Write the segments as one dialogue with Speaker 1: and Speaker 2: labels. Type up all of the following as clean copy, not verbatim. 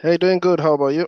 Speaker 1: Hey, doing good. How about you?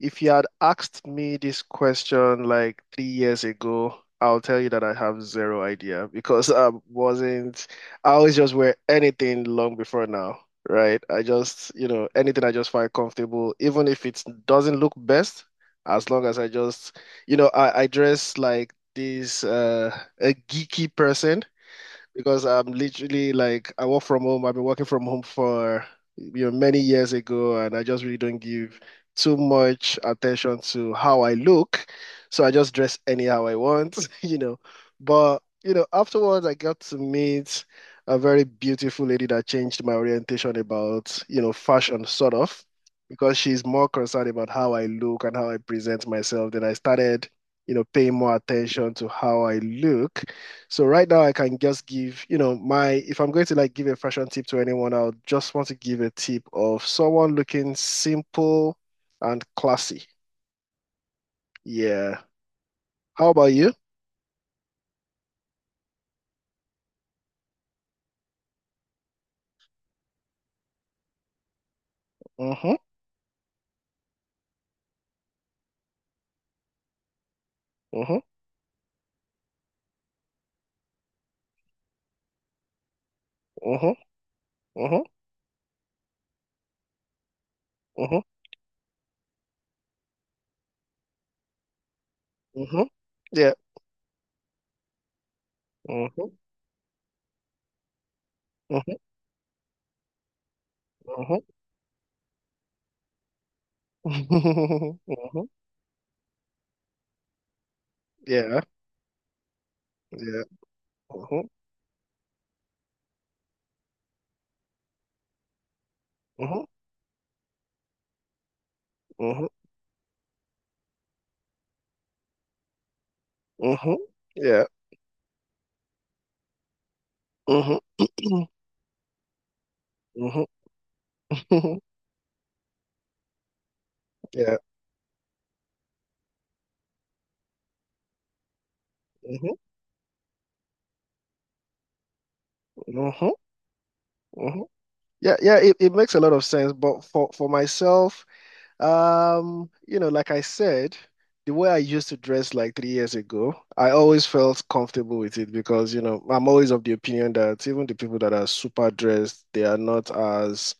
Speaker 1: If you had asked me this question like 3 years ago, I'll tell you that I have zero idea because I wasn't, I always just wear anything long before now, right? I just, anything I just find comfortable, even if it doesn't look best, as long as I just, you know, I dress like this, a geeky person. Because I'm literally like I work from home. I've been working from home for many years ago, and I just really don't give too much attention to how I look. So I just dress anyhow I want, you know. But you know, afterwards I got to meet a very beautiful lady that changed my orientation about, fashion sort of, because she's more concerned about how I look and how I present myself. Then I started, paying more attention to how I look. So right now I can just give, you know, my if I'm going to like give a fashion tip to anyone, I'll just want to give a tip of someone looking simple and classy. Yeah. How about you? Mm-hmm. Mm-hmm. Mm-hmm. Mm-hmm. Mm-hmm. Mm-hmm. Yeah. Mm-hmm. Mm-hmm. Mm-hmm. Mm-hmm. Yeah. Yeah. Mm-hmm. Mm-hmm. Mm-hmm. Mm-hmm. Yeah. Mm-hmm. Mm-hmm. Yeah. Mm-hmm. Mm-hmm. Mm-hmm. Yeah, yeah, it makes a lot of sense. But for myself, you know, like I said, the way I used to dress like 3 years ago, I always felt comfortable with it because, I'm always of the opinion that even the people that are super dressed, they are not as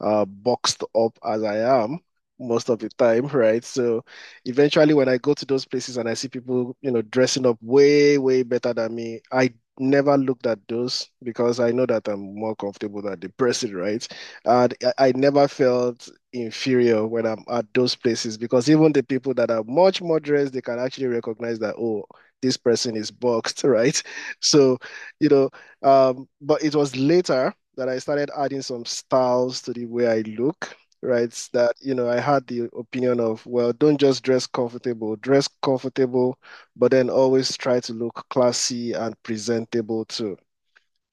Speaker 1: boxed up as I am most of the time, right? So eventually, when I go to those places and I see people, dressing up way, way better than me, I never looked at those because I know that I'm more comfortable than the person, right? And I never felt inferior when I'm at those places because even the people that are much more dressed, they can actually recognize that, oh, this person is boxed, right? So, you know, but it was later that I started adding some styles to the way I look, right? That, I had the opinion of, well, don't just dress comfortable, but then always try to look classy and presentable too,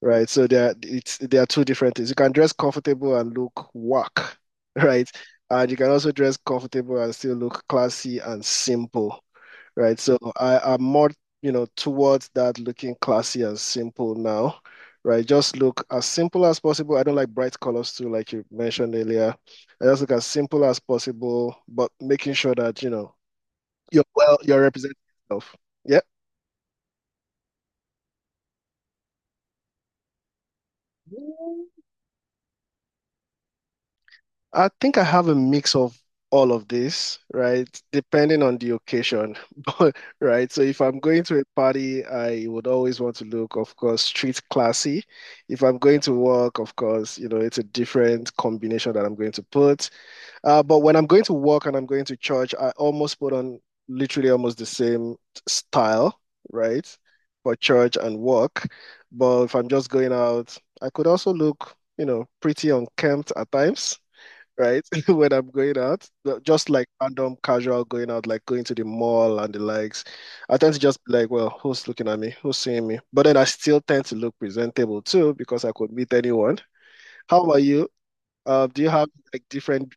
Speaker 1: right? So there, it's there are two different things. You can dress comfortable and look whack, right? And you can also dress comfortable and still look classy and simple, right? So I am more, towards that looking classy and simple now, right? Just look as simple as possible. I don't like bright colors too, like you mentioned earlier. I just look as simple as possible, but making sure that, you're representing yourself. Yeah. I think I have a mix of all of this, right? Depending on the occasion. But right, so if I'm going to a party, I would always want to look, of course, street classy. If I'm going to work, of course, you know, it's a different combination that I'm going to put. But when I'm going to work and I'm going to church, I almost put on literally almost the same style, right? For church and work. But if I'm just going out, I could also look, you know, pretty unkempt at times, right? When I'm going out, just like random casual going out, like going to the mall and the likes, I tend to just be like, well, who's looking at me? Who's seeing me? But then I still tend to look presentable too because I could meet anyone. How about you? Do you have like different?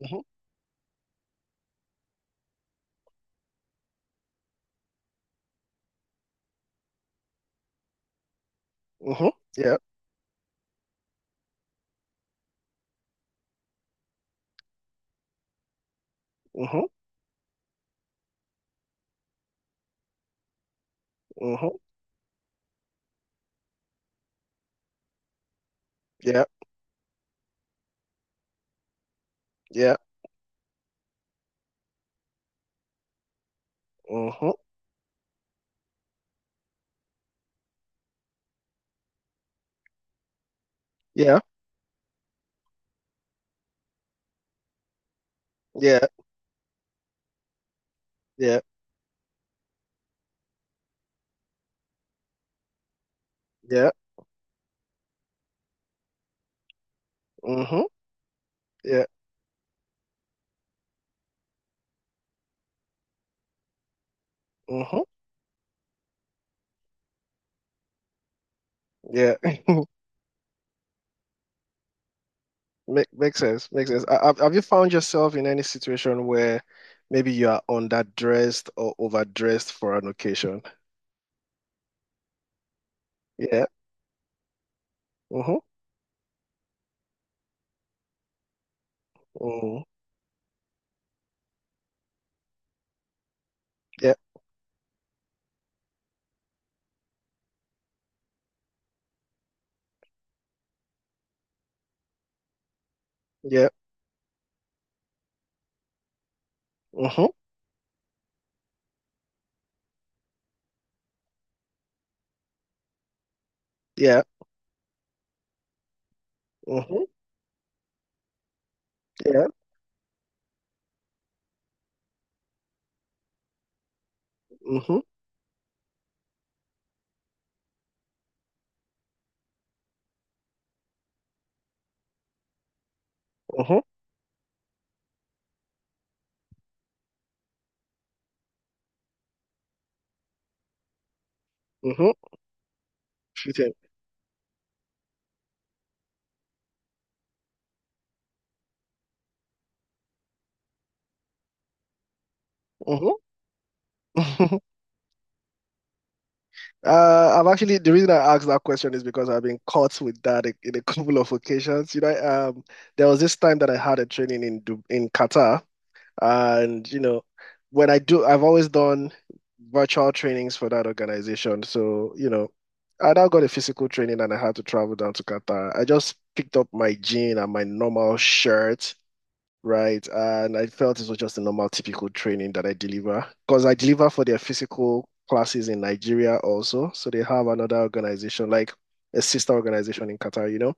Speaker 1: Mhm, mhm, yeah, mhm, mhm, yeah, yeah, mhm, yeah, yeah, yeah, yeah, mhm, yeah, mhm, yeah. Makes sense. Makes sense. Have you found yourself in any situation where maybe you are underdressed or overdressed for an occasion? Yeah. Mm-hmm. Mm-hmm. Yeah. Yeah. Mm-hmm. Yeah. Mm-hmm. Yeah. Mm-hmm. Mm-hmm. Mm-hmm. Fitting. Mm-hmm. I've actually the reason I asked that question is because I've been caught with that in a couple of occasions. You know, there was this time that I had a training in in Qatar. And you know, when I do, I've always done virtual trainings for that organization. So, I now got a physical training and I had to travel down to Qatar. I just picked up my jean and my normal shirt, right? And I felt it was just a normal, typical training that I deliver because I deliver for their physical classes in Nigeria also. So they have another organization, like a sister organization in Qatar, you know?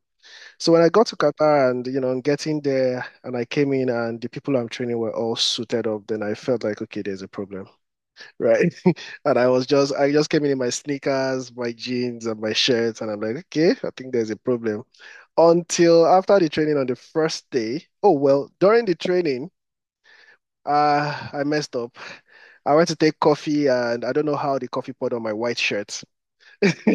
Speaker 1: So when I got to Qatar and I'm getting there and I came in and the people I'm training were all suited up, then I felt like, okay, there's a problem, right? And I just came in my sneakers, my jeans, and my shirt, and I'm like, okay, I think there's a problem. Until after the training on the first day, oh well, during the training, I messed up. I went to take coffee and I don't know how the coffee poured on my white shirt.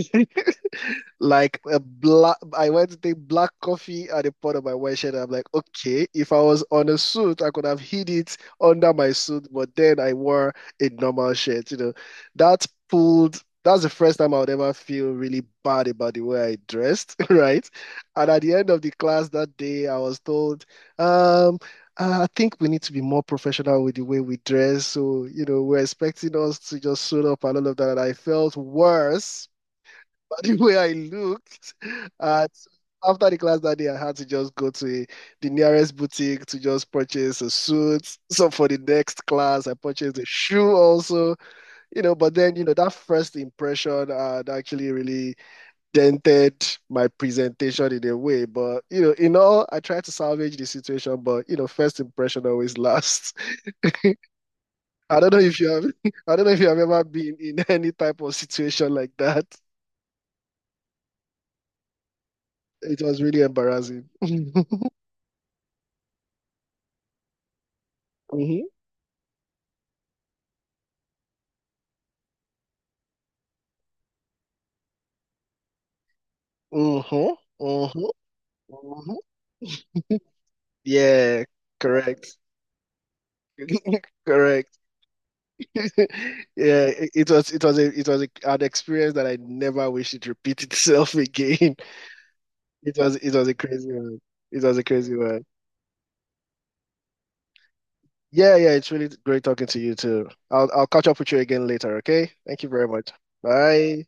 Speaker 1: like a black I went to take black coffee at the pot of my white shirt. I'm like, okay, if I was on a suit, I could have hid it under my suit, but then I wore a normal shirt, you know. That's the first time I would ever feel really bad about the way I dressed, right? And at the end of the class that day, I was told, um, "Ah, I think we need to be more professional with the way we dress. So, we're expecting us to just suit up and all of that." And I felt worse the way I looked. And after the class that day, I had to just go to the nearest boutique to just purchase a suit. So for the next class, I purchased a shoe also. But then, that first impression had actually really dented my presentation in a way. But, in all, I tried to salvage the situation, but, first impression always lasts. I don't know if you have, I don't know if you have ever been in any type of situation like that. It was really embarrassing. Mhm. Mm-hmm. Mm-hmm. Mm-hmm. Yeah, correct. Correct. Yeah, it was an experience that I never wish it repeat itself again. It was a crazy one. It was a crazy one. Yeah, yeah, it's really great talking to you too. I'll catch up with you again later, okay? Thank you very much. Bye.